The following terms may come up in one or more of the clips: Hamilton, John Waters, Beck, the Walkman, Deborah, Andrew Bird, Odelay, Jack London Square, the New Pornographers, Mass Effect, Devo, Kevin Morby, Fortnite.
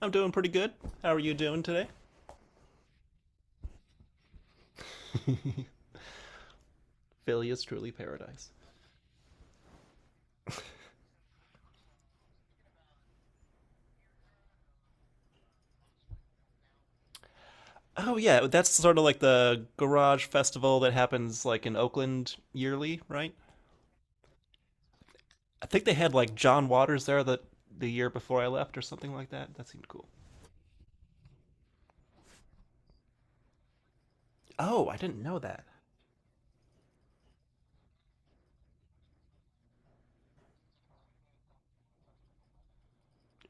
I'm doing pretty good. How are you doing today? Philly is truly paradise. Oh yeah, that's sort of like the garage festival that happens like in Oakland yearly, right? I think they had like John Waters there the year before I left or something like that. That seemed cool. Oh, I didn't know that.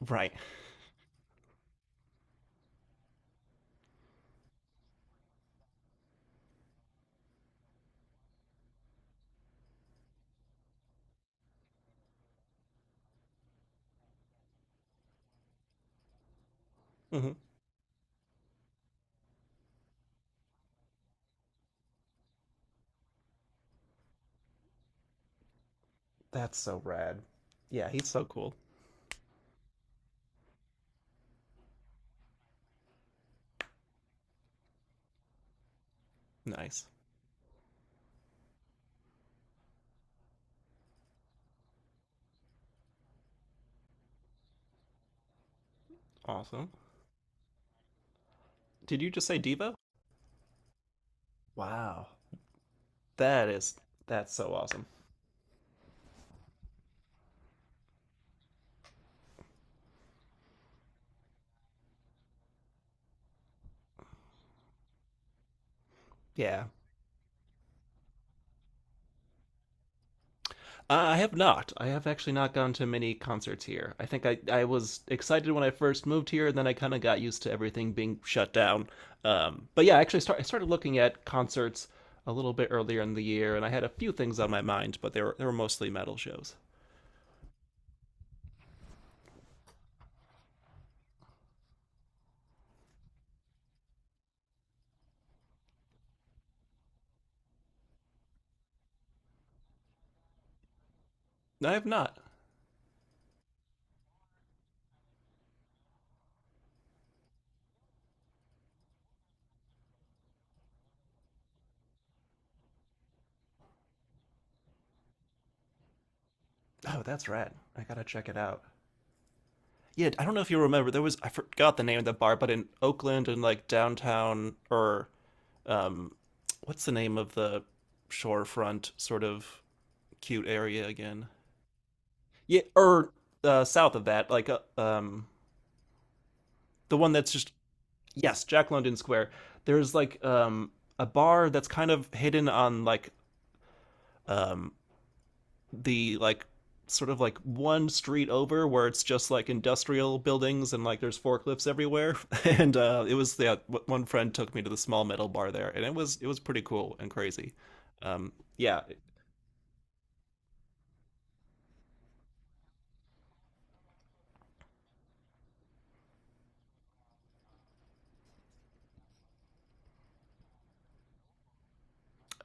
Right. Hmm. That's so rad. Yeah, he's so cool. Nice. Awesome. Did you just say Devo? Wow. That is that's so awesome. Yeah. I have not. I have actually not gone to many concerts here. I think I was excited when I first moved here, and then I kind of got used to everything being shut down. But yeah, I started looking at concerts a little bit earlier in the year, and I had a few things on my mind, but they were mostly metal shows. No, I have not. Oh, that's right. I gotta check it out. Yeah, I don't know if you remember, there was, I forgot the name of the bar, but in Oakland and like downtown, or um, what's the name of the shorefront sort of cute area again? Yeah, or south of that, like the one that's just yes, Jack London Square. There's like a bar that's kind of hidden on like um, the like sort of like one street over where it's just like industrial buildings and like there's forklifts everywhere. And it was yeah, one friend took me to the small metal bar there, and it was pretty cool and crazy. Yeah.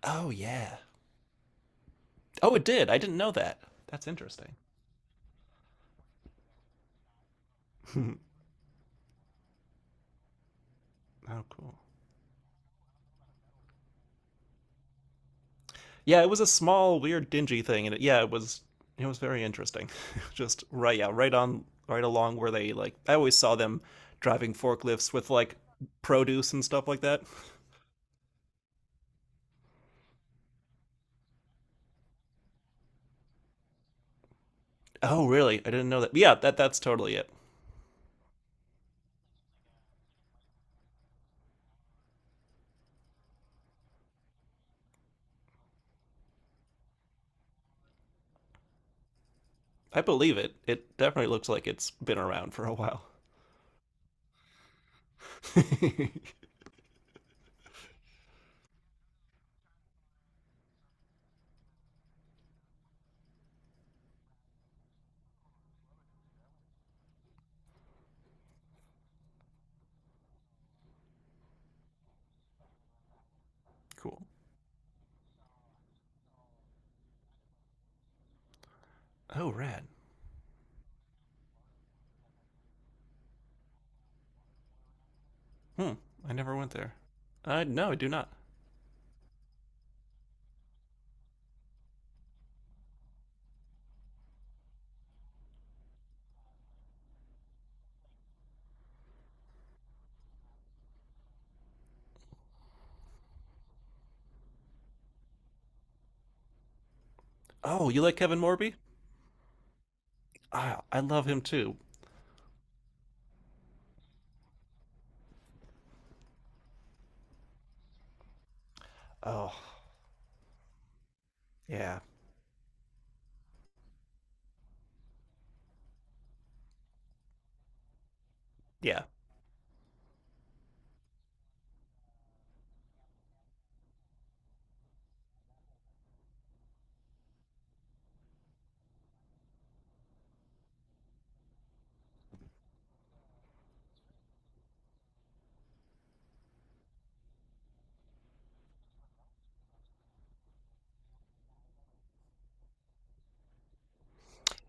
Oh yeah. Oh, it did. I didn't know that. That's interesting. Oh, cool. Yeah, it was a small, weird, dingy thing, and it, yeah, it was very interesting. Just right, yeah, right on, right along where they like. I always saw them driving forklifts with like produce and stuff like that. Oh, really? I didn't know that. Yeah, that that's totally it. I believe it. It definitely looks like it's been around for a while. Cool. Oh, rad. Hmm. I never went there. I no, I do not. Oh, you like Kevin Morby? Ah, I love him too. Oh, yeah, yeah.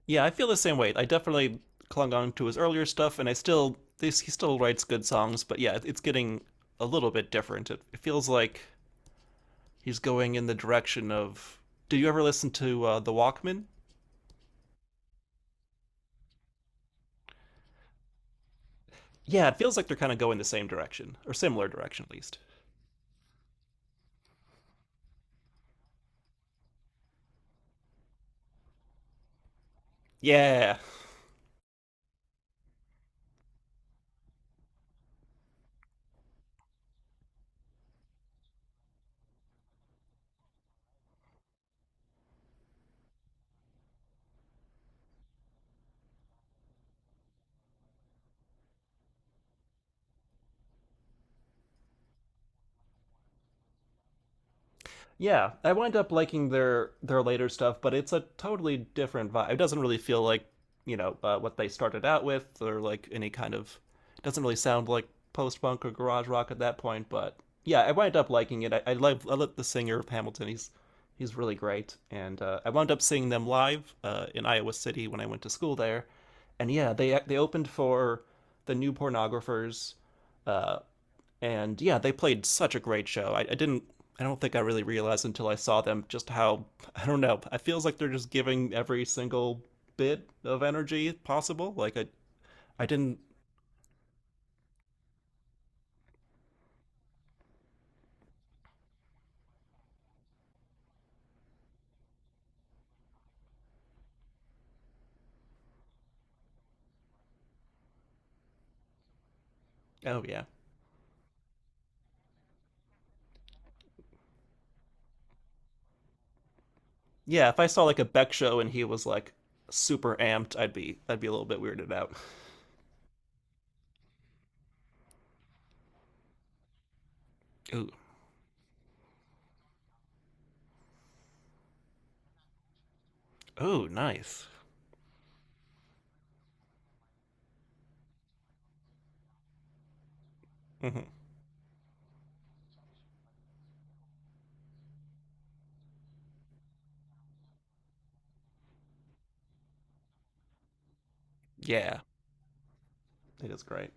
Yeah, I feel the same way. I definitely clung on to his earlier stuff, and he still writes good songs, but yeah, it's getting a little bit different. It feels like he's going in the direction of. Did you ever listen to the Walkman? Yeah, it feels like they're kind of going the same direction or similar direction at least. Yeah, yeah, I wind up liking their later stuff, but it's a totally different vibe. It doesn't really feel like you know what they started out with, or like any kind of. It doesn't really sound like post punk or garage rock at that point, but yeah, I wind up liking it. I love I love the singer of Hamilton. He's really great, and I wound up seeing them live in Iowa City when I went to school there, and yeah, they opened for the New Pornographers uh, and yeah, they played such a great show. I didn't. I don't think I really realized until I saw them just how I don't know. It feels like they're just giving every single bit of energy possible. Like I didn't. Oh yeah, yeah. If I saw like a Beck show and he was like super amped, I'd be a little bit weirded out. Ooh, ooh, nice. Hmm. Yeah, it is great.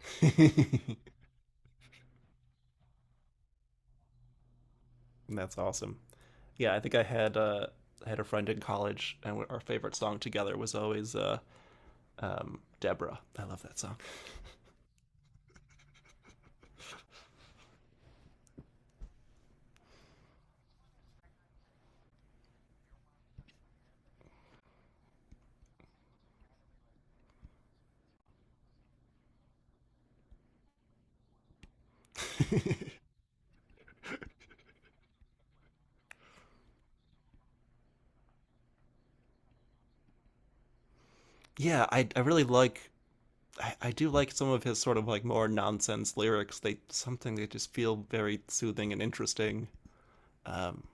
That's awesome. Yeah, I think I had a friend in college, and our favorite song together was always Deborah. I love that song. Yeah, I really like I do like some of his sort of like more nonsense lyrics. They something they just feel very soothing and interesting. Um,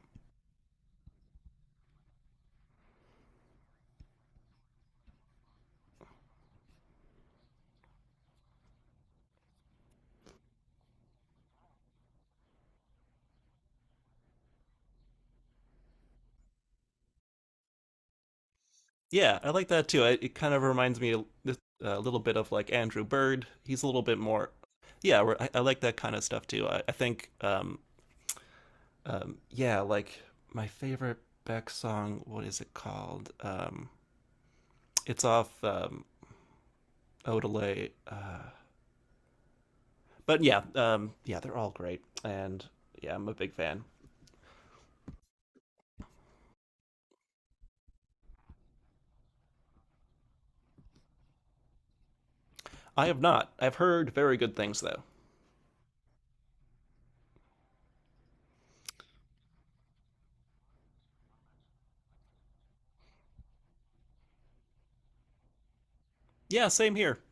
yeah, I like that too. It kind of reminds me a little bit of like Andrew Bird. He's a little bit more. Yeah, I like that kind of stuff too. I think yeah, like my favorite Beck song. What is it called? It's off Odelay. But yeah, yeah, they're all great, and yeah, I'm a big fan. I have not. I've heard very good things though. Yeah, same here.